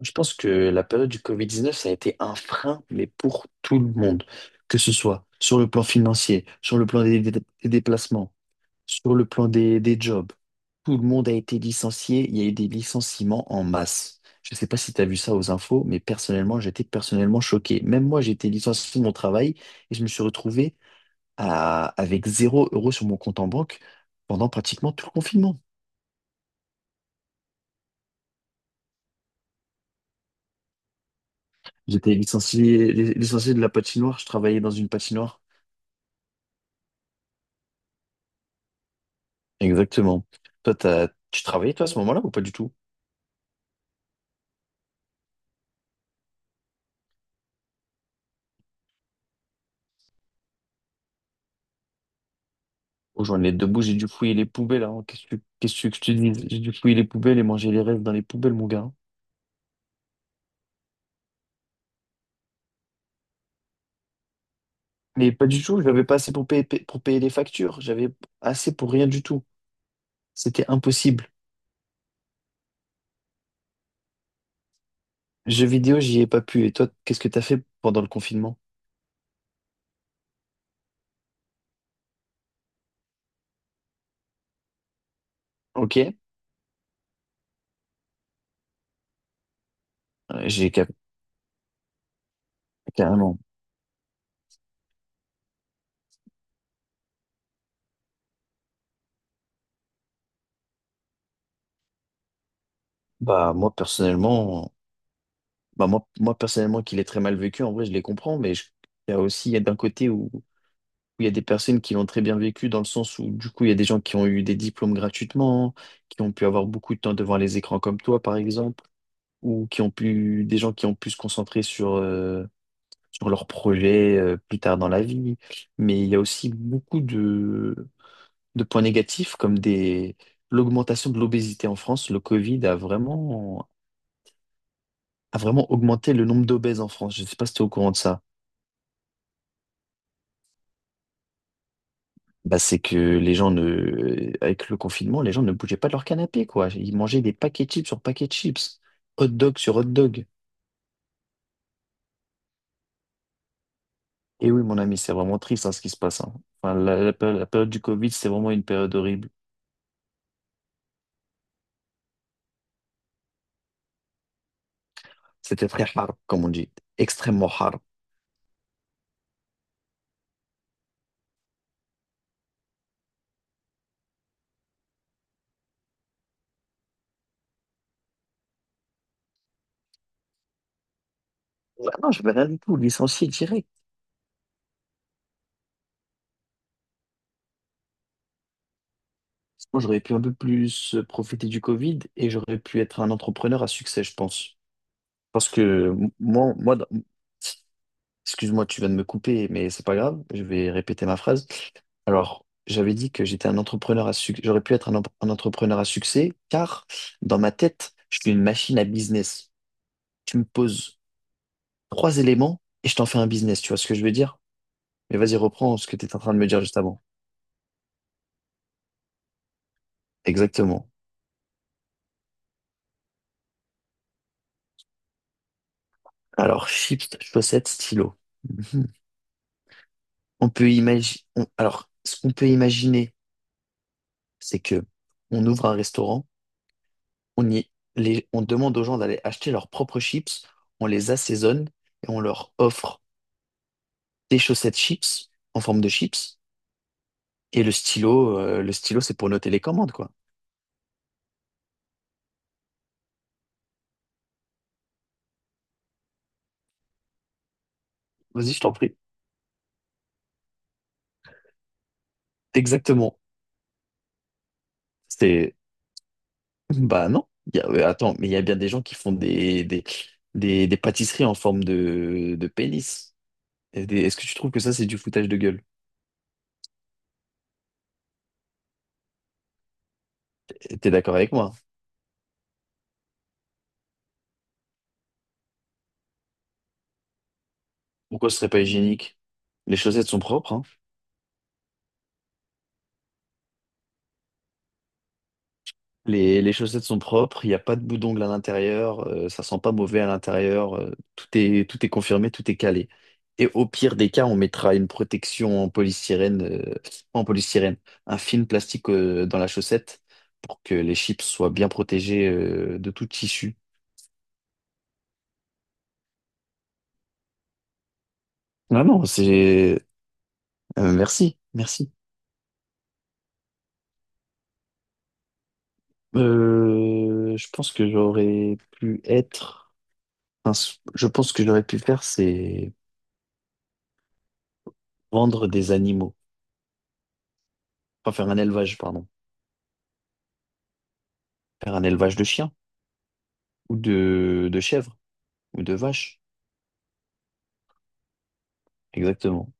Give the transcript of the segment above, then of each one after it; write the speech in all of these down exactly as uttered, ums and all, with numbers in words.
Je pense que la période du Covid dix-neuf, ça a été un frein, mais pour tout le monde, que ce soit sur le plan financier, sur le plan des, dé- des déplacements, sur le plan des, des jobs. Tout le monde a été licencié, il y a eu des licenciements en masse. Je ne sais pas si tu as vu ça aux infos, mais personnellement, j'étais personnellement choqué. Même moi, j'ai été licencié de mon travail et je me suis retrouvé à, avec zéro euro sur mon compte en banque pendant pratiquement tout le confinement. J'étais licencié, licencié de la patinoire, je travaillais dans une patinoire. Exactement. Toi, t'as- tu travaillais, toi, à ce moment-là, ou pas du tout? Oh, j'en ai deux bouts, j'ai dû fouiller les poubelles, hein. Qu'est-ce que, qu'est-ce que je te dis? J'ai dû fouiller les poubelles et manger les restes dans les poubelles, mon gars. Mais pas du tout, j'avais pas assez pour payer, pour payer les factures. J'avais assez pour rien du tout. C'était impossible. Jeux vidéo, j'y ai pas pu. Et toi, qu'est-ce que t'as fait pendant le confinement? Ok. Euh, j'ai ca- Carrément. Bah, moi, personnellement, bah, moi, moi, personnellement, qu'il est très mal vécu, en vrai, je les comprends, mais je- il y a aussi, il y a d'un côté où. Où il y a des personnes qui l'ont très bien vécu dans le sens où, du coup, il y a des gens qui ont eu des diplômes gratuitement, qui ont pu avoir beaucoup de temps devant les écrans comme toi, par exemple, ou qui ont pu, des gens qui ont pu se concentrer sur, euh, sur leurs projets, euh, plus tard dans la vie. Mais il y a aussi beaucoup de, de points négatifs comme des, l'augmentation de l'obésité en France. Le Covid a vraiment, a vraiment augmenté le nombre d'obèses en France. Je ne sais pas si tu es au courant de ça. Bah, c'est que les gens ne, avec le confinement, les gens ne bougeaient pas de leur canapé, quoi. Ils mangeaient des paquets de chips sur paquets de chips, hot dog sur hot dog. Et oui, mon ami, c'est vraiment triste, hein, ce qui se passe, hein. Enfin, la, la péri- la période du Covid, c'est vraiment une période horrible. C'était très hard, comme on dit, extrêmement hard. Ouais, non, je vais rien du tout, licencié direct. Moi, j'aurais pu un peu plus euh, profiter du Covid et j'aurais pu être un entrepreneur à succès, je pense. Parce que euh, moi, moi, dans- Excuse-moi, tu viens de me couper, mais c'est pas grave, je vais répéter ma phrase. Alors, j'avais dit que j'étais un entrepreneur à succès. J'aurais pu être un, empre- un entrepreneur à succès, car dans ma tête, je suis une machine à business. Tu me poses trois éléments et je t'en fais un business. Tu vois ce que je veux dire? Mais vas-y, reprends ce que tu étais en train de me dire juste avant. Exactement. Alors, chips, chaussettes, stylo. On peut imaginer. Alors, ce qu'on peut imaginer, c'est que on ouvre un restaurant, on y, les, on demande aux gens d'aller acheter leurs propres chips, on les assaisonne et on leur offre des chaussettes chips en forme de chips et le stylo, euh, le stylo c'est pour noter les commandes quoi. Vas-y, je t'en prie. Exactement. C'est bah non. Il y a- euh, Attends, mais il y a bien des gens qui font des des, des, des pâtisseries en forme de, de pénis. Et des- Est-ce que tu trouves que ça c'est du foutage de gueule? Et t'es d'accord avec moi, hein? Pourquoi ce serait pas hygiénique? Les chaussettes sont propres, hein. Les, les chaussettes sont propres, il n'y a pas de bout d'ongle à l'intérieur, euh, ça sent pas mauvais à l'intérieur, euh, tout est, tout est confirmé, tout est calé. Et au pire des cas, on mettra une protection en polystyrène, euh, pas en polystyrène, un film plastique euh, dans la chaussette pour que les chips soient bien protégés euh, de tout tissu. Non, non, c'est... euh, merci, merci. Euh, je pense que j'aurais pu être... un- s- Je pense que j'aurais pu faire, c'est vendre des animaux, enfin faire un élevage, pardon. Faire un élevage de chiens ou de, de chèvres ou de vaches. Exactement.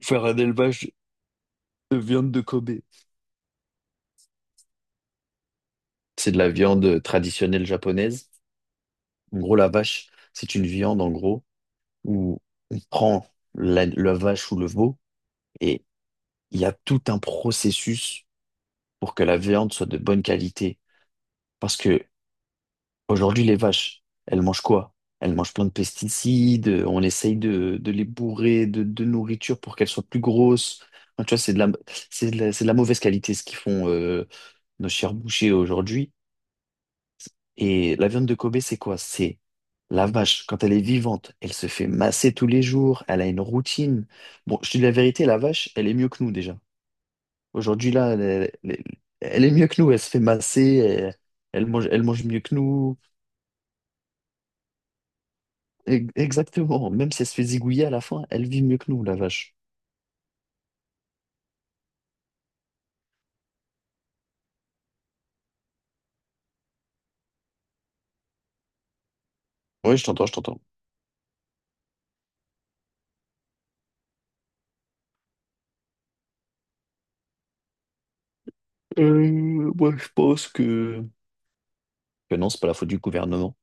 Faire un élevage de viande de Kobe. C'est de la viande traditionnelle japonaise. En gros, la vache, c'est une viande, en gros, où on prend la, la vache ou le veau et il y a tout un processus pour que la viande soit de bonne qualité. Parce que aujourd'hui, les vaches, elles mangent quoi? Elles mangent plein de pesticides, euh, on essaye de, de les bourrer de, de nourriture pour qu'elles soient plus grosses. Enfin, tu vois, c'est de la, c'est de la, c'est de la mauvaise qualité ce qu'ils font euh, nos chers bouchers aujourd'hui. Et la viande de Kobe, c'est quoi? C'est la vache, quand elle est vivante, elle se fait masser tous les jours, elle a une routine. Bon, je te dis la vérité, la vache, elle est mieux que nous déjà. Aujourd'hui, là, elle, elle- Elle est mieux que nous, elle se fait masser, elle, elle mange, elle mange mieux que nous. E- exactement. Même si elle se fait zigouiller à la fin, elle vit mieux que nous, la vache. Oui, je t'entends, je t'entends. Euh, moi, je pense que... que non, c'est pas la faute du gouvernement.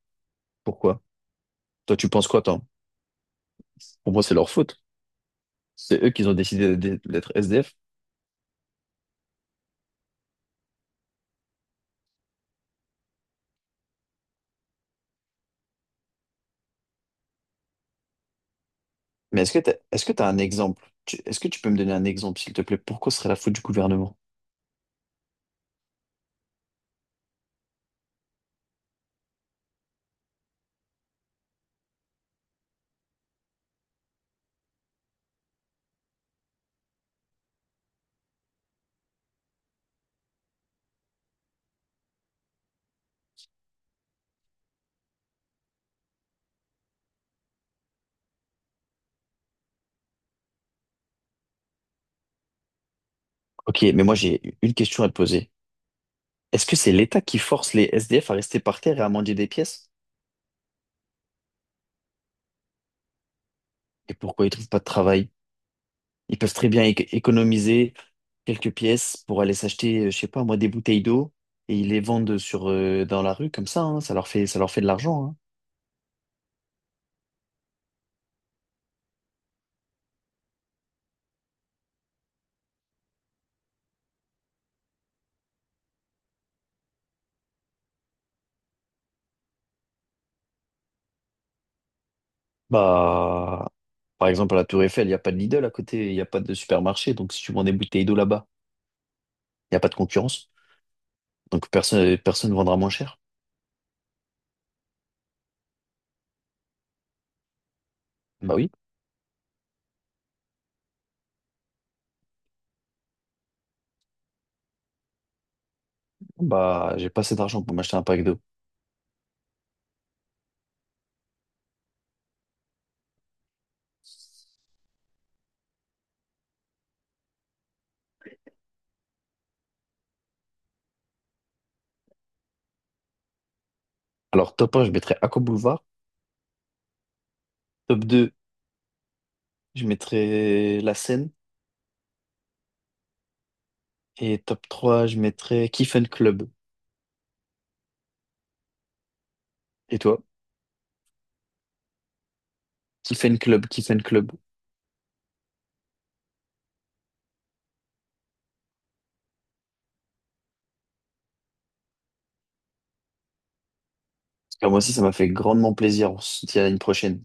Pourquoi? Toi, tu penses quoi, toi? Pour moi, c'est leur faute. C'est eux qui ont décidé d- d'être S D F. Mais est-ce que t'as, est-ce que t'as un exemple? Tu- Est-ce que tu peux me donner un exemple, s'il te plaît? Pourquoi ce serait la faute du gouvernement? Ok, mais moi, j'ai une question à te poser. Est-ce que c'est l'État qui force les S D F à rester par terre et à manger des pièces? Et pourquoi ils trouvent pas de travail? Ils peuvent très bien éc- économiser quelques pièces pour aller s'acheter, euh, je sais pas moi, des bouteilles d'eau et ils les vendent sur, euh, dans la rue comme ça, hein. Ça leur fait, ça leur fait de l'argent, hein. Bah, par exemple, à la Tour Eiffel, il n'y a pas de Lidl à côté, il n'y a pas de supermarché. Donc, si tu vends des bouteilles d'eau là-bas, il n'y a pas de concurrence. Donc, personne, personne ne vendra moins cher. Bah oui, bah, j'ai pas assez d'argent pour m'acheter un pack d'eau. Alors, top un, je mettrais Aqua Boulevard. Top deux, je mettrais La Seine. Et top trois, je mettrais Kiffen Club. Et toi? Kiffen Club, Kiffen Club. Ah, moi aussi, ça m'a fait grandement plaisir. On se dit à une prochaine.